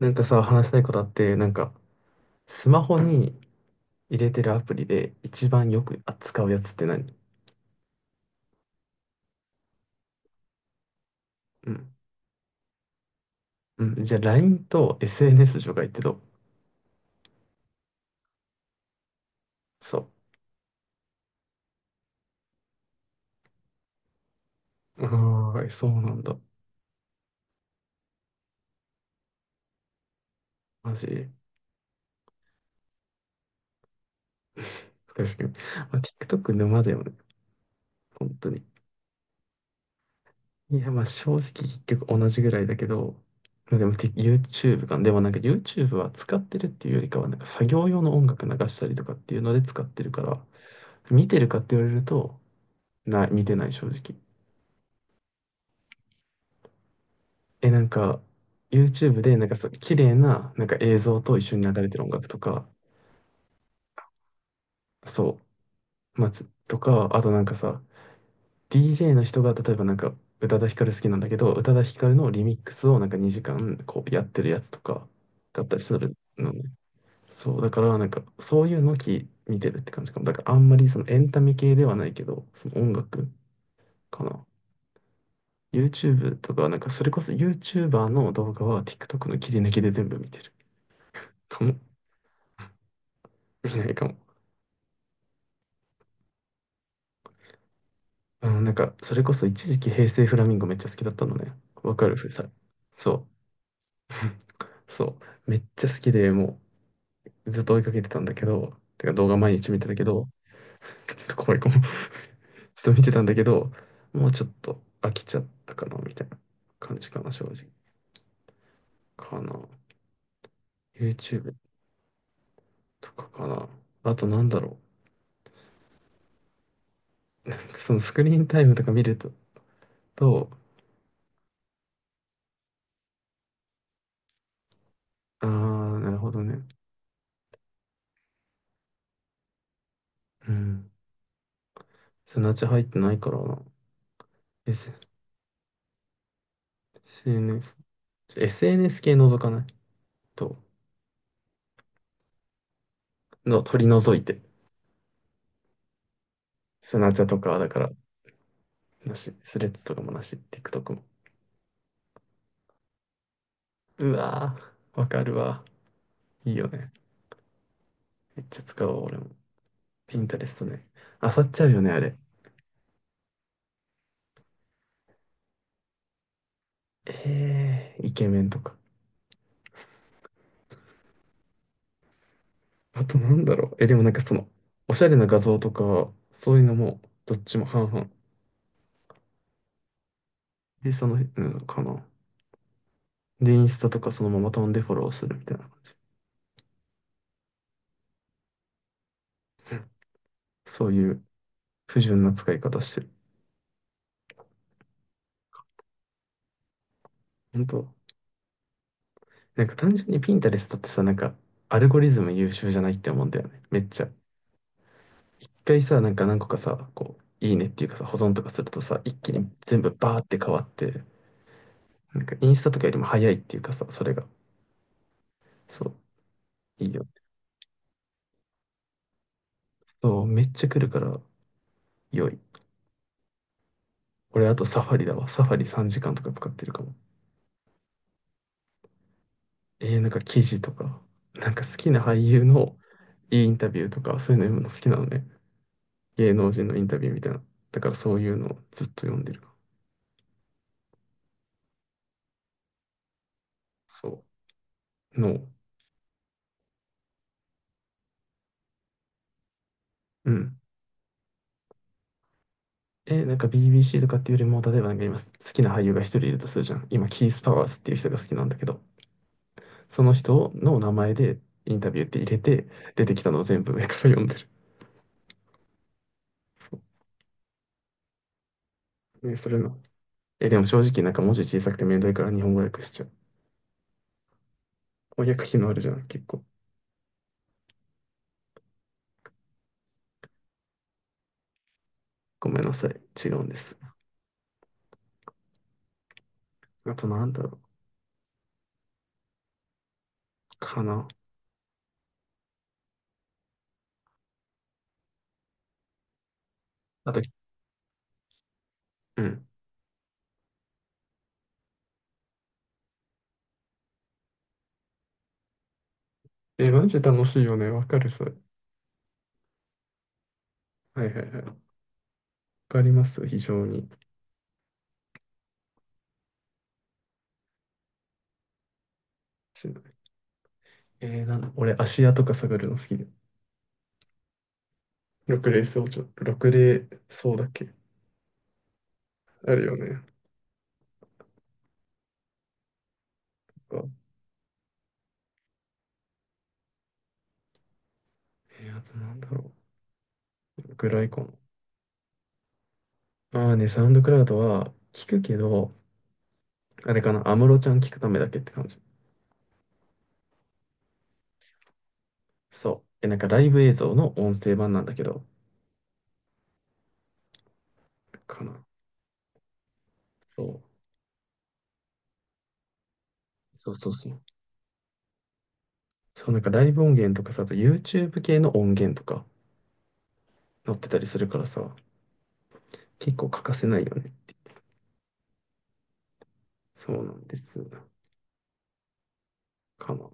なんかさ、話したいことあって、スマホに入れてるアプリで一番よく扱うやつって何？うん。うん。じゃあ、LINE と SNS 除外ってどう？そう。ああ、そうなんだ。マジ。確かに。まあ、TikTok 沼だよね。本当に。いや、まあ、正直結局同じぐらいだけど、まあでも、て YouTube か。でもYouTube は使ってるっていうよりかは、作業用の音楽流したりとかっていうので使ってるから、見てるかって言われると、見てない正直。え、なんか、YouTube で、そう、綺麗な、映像と一緒に流れてる音楽とか、そう、まあ、つとか、あとなんかさ、DJ の人が、例えば宇多田ヒカル好きなんだけど、宇多田ヒカルのリミックスを2時間、こう、やってるやつとか、だったりするのね。そう、だから、そういうのき、見てるって感じかも。だから、あんまりそのエンタメ系ではないけど、その音楽かな。YouTube とか、なんか、それこそ YouTuber の動画は TikTok の切り抜きで全部見てるかも。見ないかも。うん、なんか、それこそ一時期平成フラミンゴめっちゃ好きだったのね。わかるふさ。そう、そう。めっちゃ好きで、もうずっと追いかけてたんだけど、てか動画毎日見てたけど、ちょっと怖いかも。ずっと見てたんだけど、もうちょっと飽きちゃったかな、みたいな感じかな、正直。かな。YouTube とかかな。あとなんだろう。そのスクリーンタイムとか見ると、と、あー、なるほどね。うん。そのうち入ってないからな。えせ SNS。SNS 系覗かないと、の取り除いて。スナチャとかはだから、なし。スレッズとかもなし。TikTok も。うわー、わかるわ。いいよね。めっちゃ使おうわ、俺も。ピンタレストね。あさっちゃうよね、あれ。えー、イケメンとか。あとなんだろう。え、でもなんかその、おしゃれな画像とか、そういうのも、どっちも半々。で、その、うんかな。で、インスタとかそのまま飛んでフォローするみたいな感じ。そういう不純な使い方してる。本当。単純にピンタレストってさ、アルゴリズム優秀じゃないって思うんだよね。めっちゃ。一回さ、何個かさ、こう、いいねっていうかさ、保存とかするとさ、一気に全部バーって変わって、インスタとかよりも早いっていうかさ、それが。そう、いいよ。そう、めっちゃ来るから良い。俺あとサファリだわ。サファリ3時間とか使ってるかも。なんか記事とか、なんか好きな俳優のいいインタビューとか、そういうの読むの好きなのね。芸能人のインタビューみたいな。だからそういうのをずっと読んでる。そう。のうん。え、なんか BBC とかっていうよりも、例えばなんか今好きな俳優が一人いるとするじゃん。今、キース・パワーズっていう人が好きなんだけど、その人の名前でインタビューって入れて、出てきたのを全部上から読んでる。そう。ね、それの。え、でも正直なんか文字小さくてめんどいから日本語訳しちゃう。翻訳機能あるじゃん、結構。ごめんなさい。違うんです。あとなんだろう。かな。あと、うん。え、マジ楽しいよね。わかる、それ。はいはいはい。わかります、非常に。しえー、なんだ、俺、芦屋とか探るの好きです。6レーをちょっと、ろく例そうだっけ？あるよね。かあとなんだろう。ぐらいかな。ああね、サウンドクラウドは聞くけど、あれかな、安室ちゃん聞くためだけって感じ。そう。え、なんかライブ映像の音声版なんだけど、かな。そう。そうそうそう。そう、なんかライブ音源とかさ、あと YouTube 系の音源とか載ってたりするからさ、結構欠かせないよね。そうなんです。かな。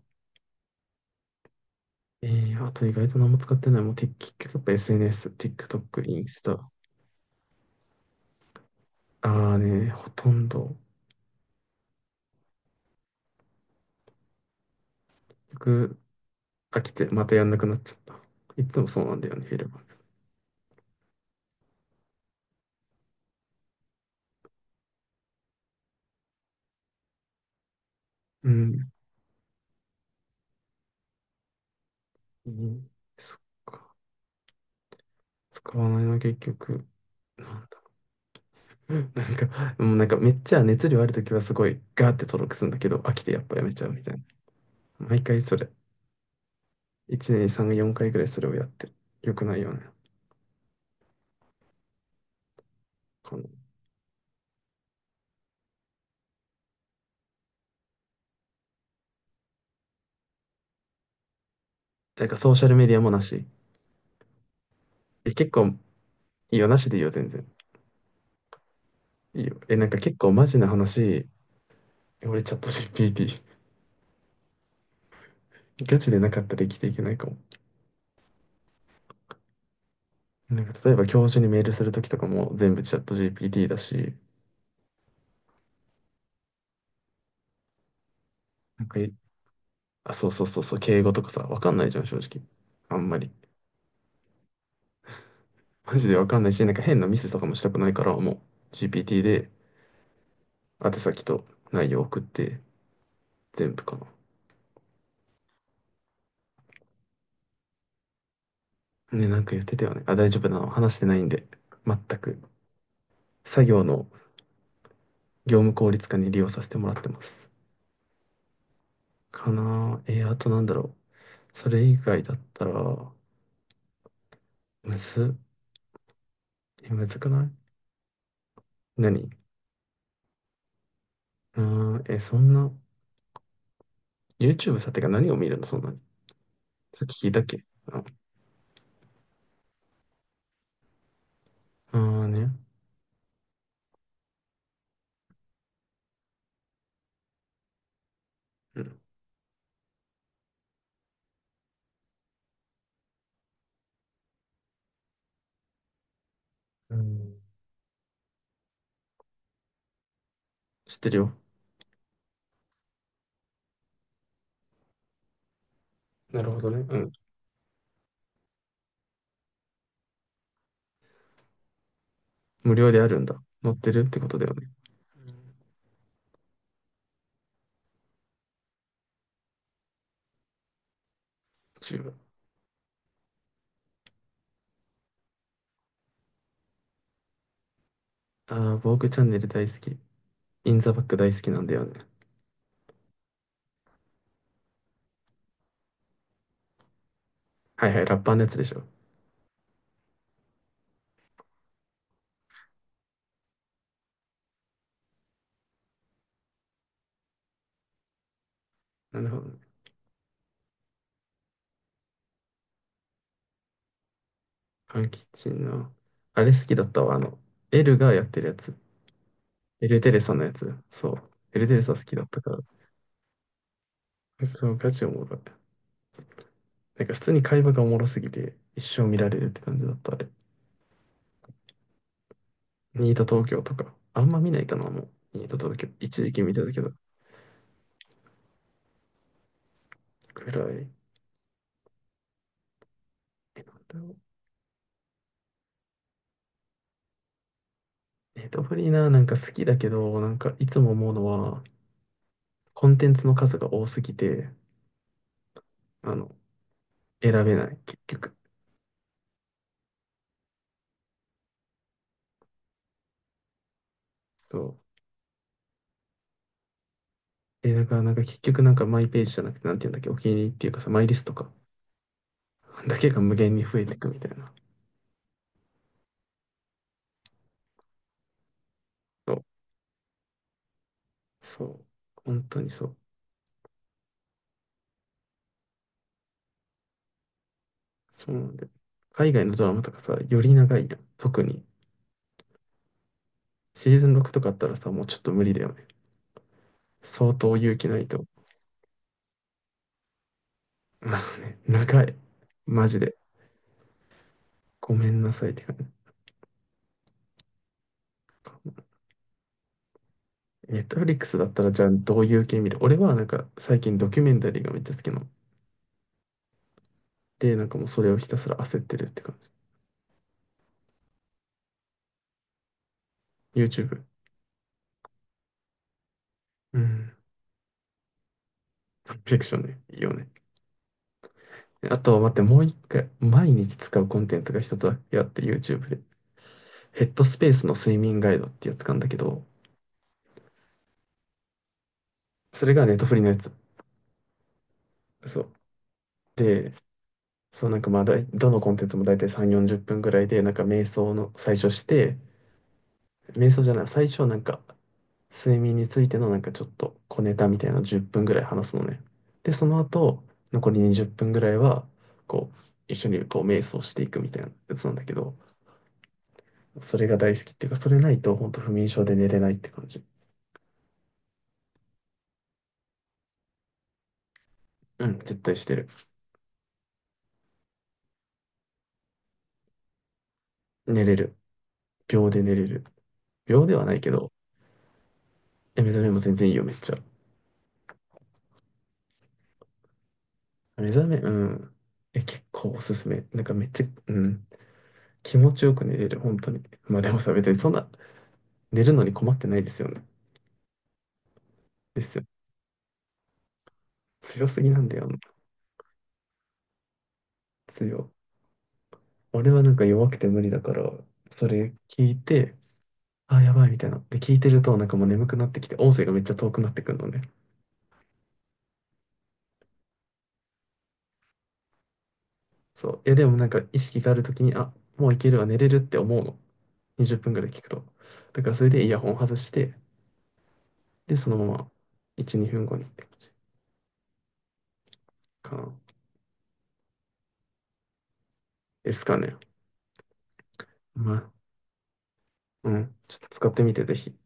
えー、あと意外と何も使ってない。もうて結局やっぱ SNS、TikTok、インスタ。ああね、ほとんど、結局飽きてまたやんなくなっちゃった。いつもそうなんだよね、フィルム。うん。うん。そっか。使わないな、結局。なんだ。なんか、もうなんかめっちゃ熱量あるときはすごいガーって登録するんだけど、飽きてやっぱやめちゃうみたいな。毎回それ。1年に3、4回ぐらいそれをやってる。よくないよね。この。ソーシャルメディアもなし。え、結構いいよ、なしでいいよ、全然。いいよ。え、なんか結構マジな話、俺チャット GPT。ガチでなかったら生きていけないかも。なんか例えば教授にメールするときとかも全部チャット GPT だし、なんかい、あ、そうそうそうそう、敬語とかさ、わかんないじゃん、正直。あんまり。マジでわかんないし、なんか変なミスとかもしたくないから、もう GPT で宛先と内容送って、全部かな。ね、なんか言ってたよね。あ、大丈夫なの。話してないんで。全く。作業の業務効率化に利用させてもらってます。かなぁ。あとなんだろう。それ以外だったら、むず、え、むずくない？何？うーん、え、そんな、YouTube さ、てか何を見るのそんなに。さっき聞いたっけ？あ、あーね。うん。うん。知ってるよ。なるほどね。うん。無料であるんだ。載ってるってことだよね。YouTube。ああ、ボークチャンネル大好き。インザバック大好きなんだよね。はいはい、ラッパーのやつでしょ。なるほどね。パンキッチンの。あれ好きだったわ。あの、エルがやってるやつ。エルテレサのやつ。そう。エルテレサ好きだったから。そう、ガチおもろい。なんか普通に会話がおもろすぎて、一生見られるって感じだった、あれ。ニート東京とか、あんま見ないかな、もう。ニート東京、一時期見てたけど、くらい。え、なんだろう。ネットフリーな、なんか好きだけど、なんかいつも思うのは、コンテンツの数が多すぎて、あの、選べない、結局。そう。え、だからなんか結局なんかマイページじゃなくて、なんていうんだっけ、お気に入りっていうかさ、マイリストとか、だけが無限に増えていくみたいな。そう。そう。本当にそう。そうなんで。海外のドラマとかさ、より長いやん。特に。シーズン6とかあったらさ、もうちょっと無理だよね。相当勇気ないと。まあね、長い。マジで。ごめんなさいって感じ。ネットフリックスだったらじゃあどういう系見る？俺はなんか最近ドキュメンタリーがめっちゃ好きなの。で、なんかもうそれをひたすら焦ってるって感じ。YouTube。うん。フィクションね。いいよね。あと待って、もう一回、毎日使うコンテンツが一つだけあって YouTube で。ヘッドスペースの睡眠ガイドってやつなんだけど、それがネットフリのやつ。そう。で、そう、なんかどのコンテンツも大体3、40分ぐらいで、なんか瞑想の最初して、瞑想じゃない、最初はなんか睡眠についてのなんかちょっと小ネタみたいなの10分ぐらい話すのね。で、その後、残り20分ぐらいは、こう、一緒にこう瞑想していくみたいなやつなんだけど、それが大好きっていうか、それないと本当不眠症で寝れないって感じ。うん、絶対してる。寝れる。秒で寝れる。秒ではないけど、え、目覚めも全然いいよ、めっちゃ。目覚め、うん。え、結構おすすめ。なんかめっちゃ、うん。気持ちよく寝れる、本当に。まあでもさ、別にそんな、寝るのに困ってないですよね。ですよ。強すぎなんだよ。強。俺はなんか弱くて無理だから、それ聞いて、あ、やばいみたいな。で、聞いてると、なんかもう眠くなってきて、音声がめっちゃ遠くなってくるのね。そう。いや、でもなんか意識があるときに、あ、もういけるわ、寝れるって思うの。20分ぐらい聞くと。だからそれでイヤホン外して、で、そのまま1、2分後にって感じかな。ですかね。まあ、うん。ちょっと使ってみて、ぜひ。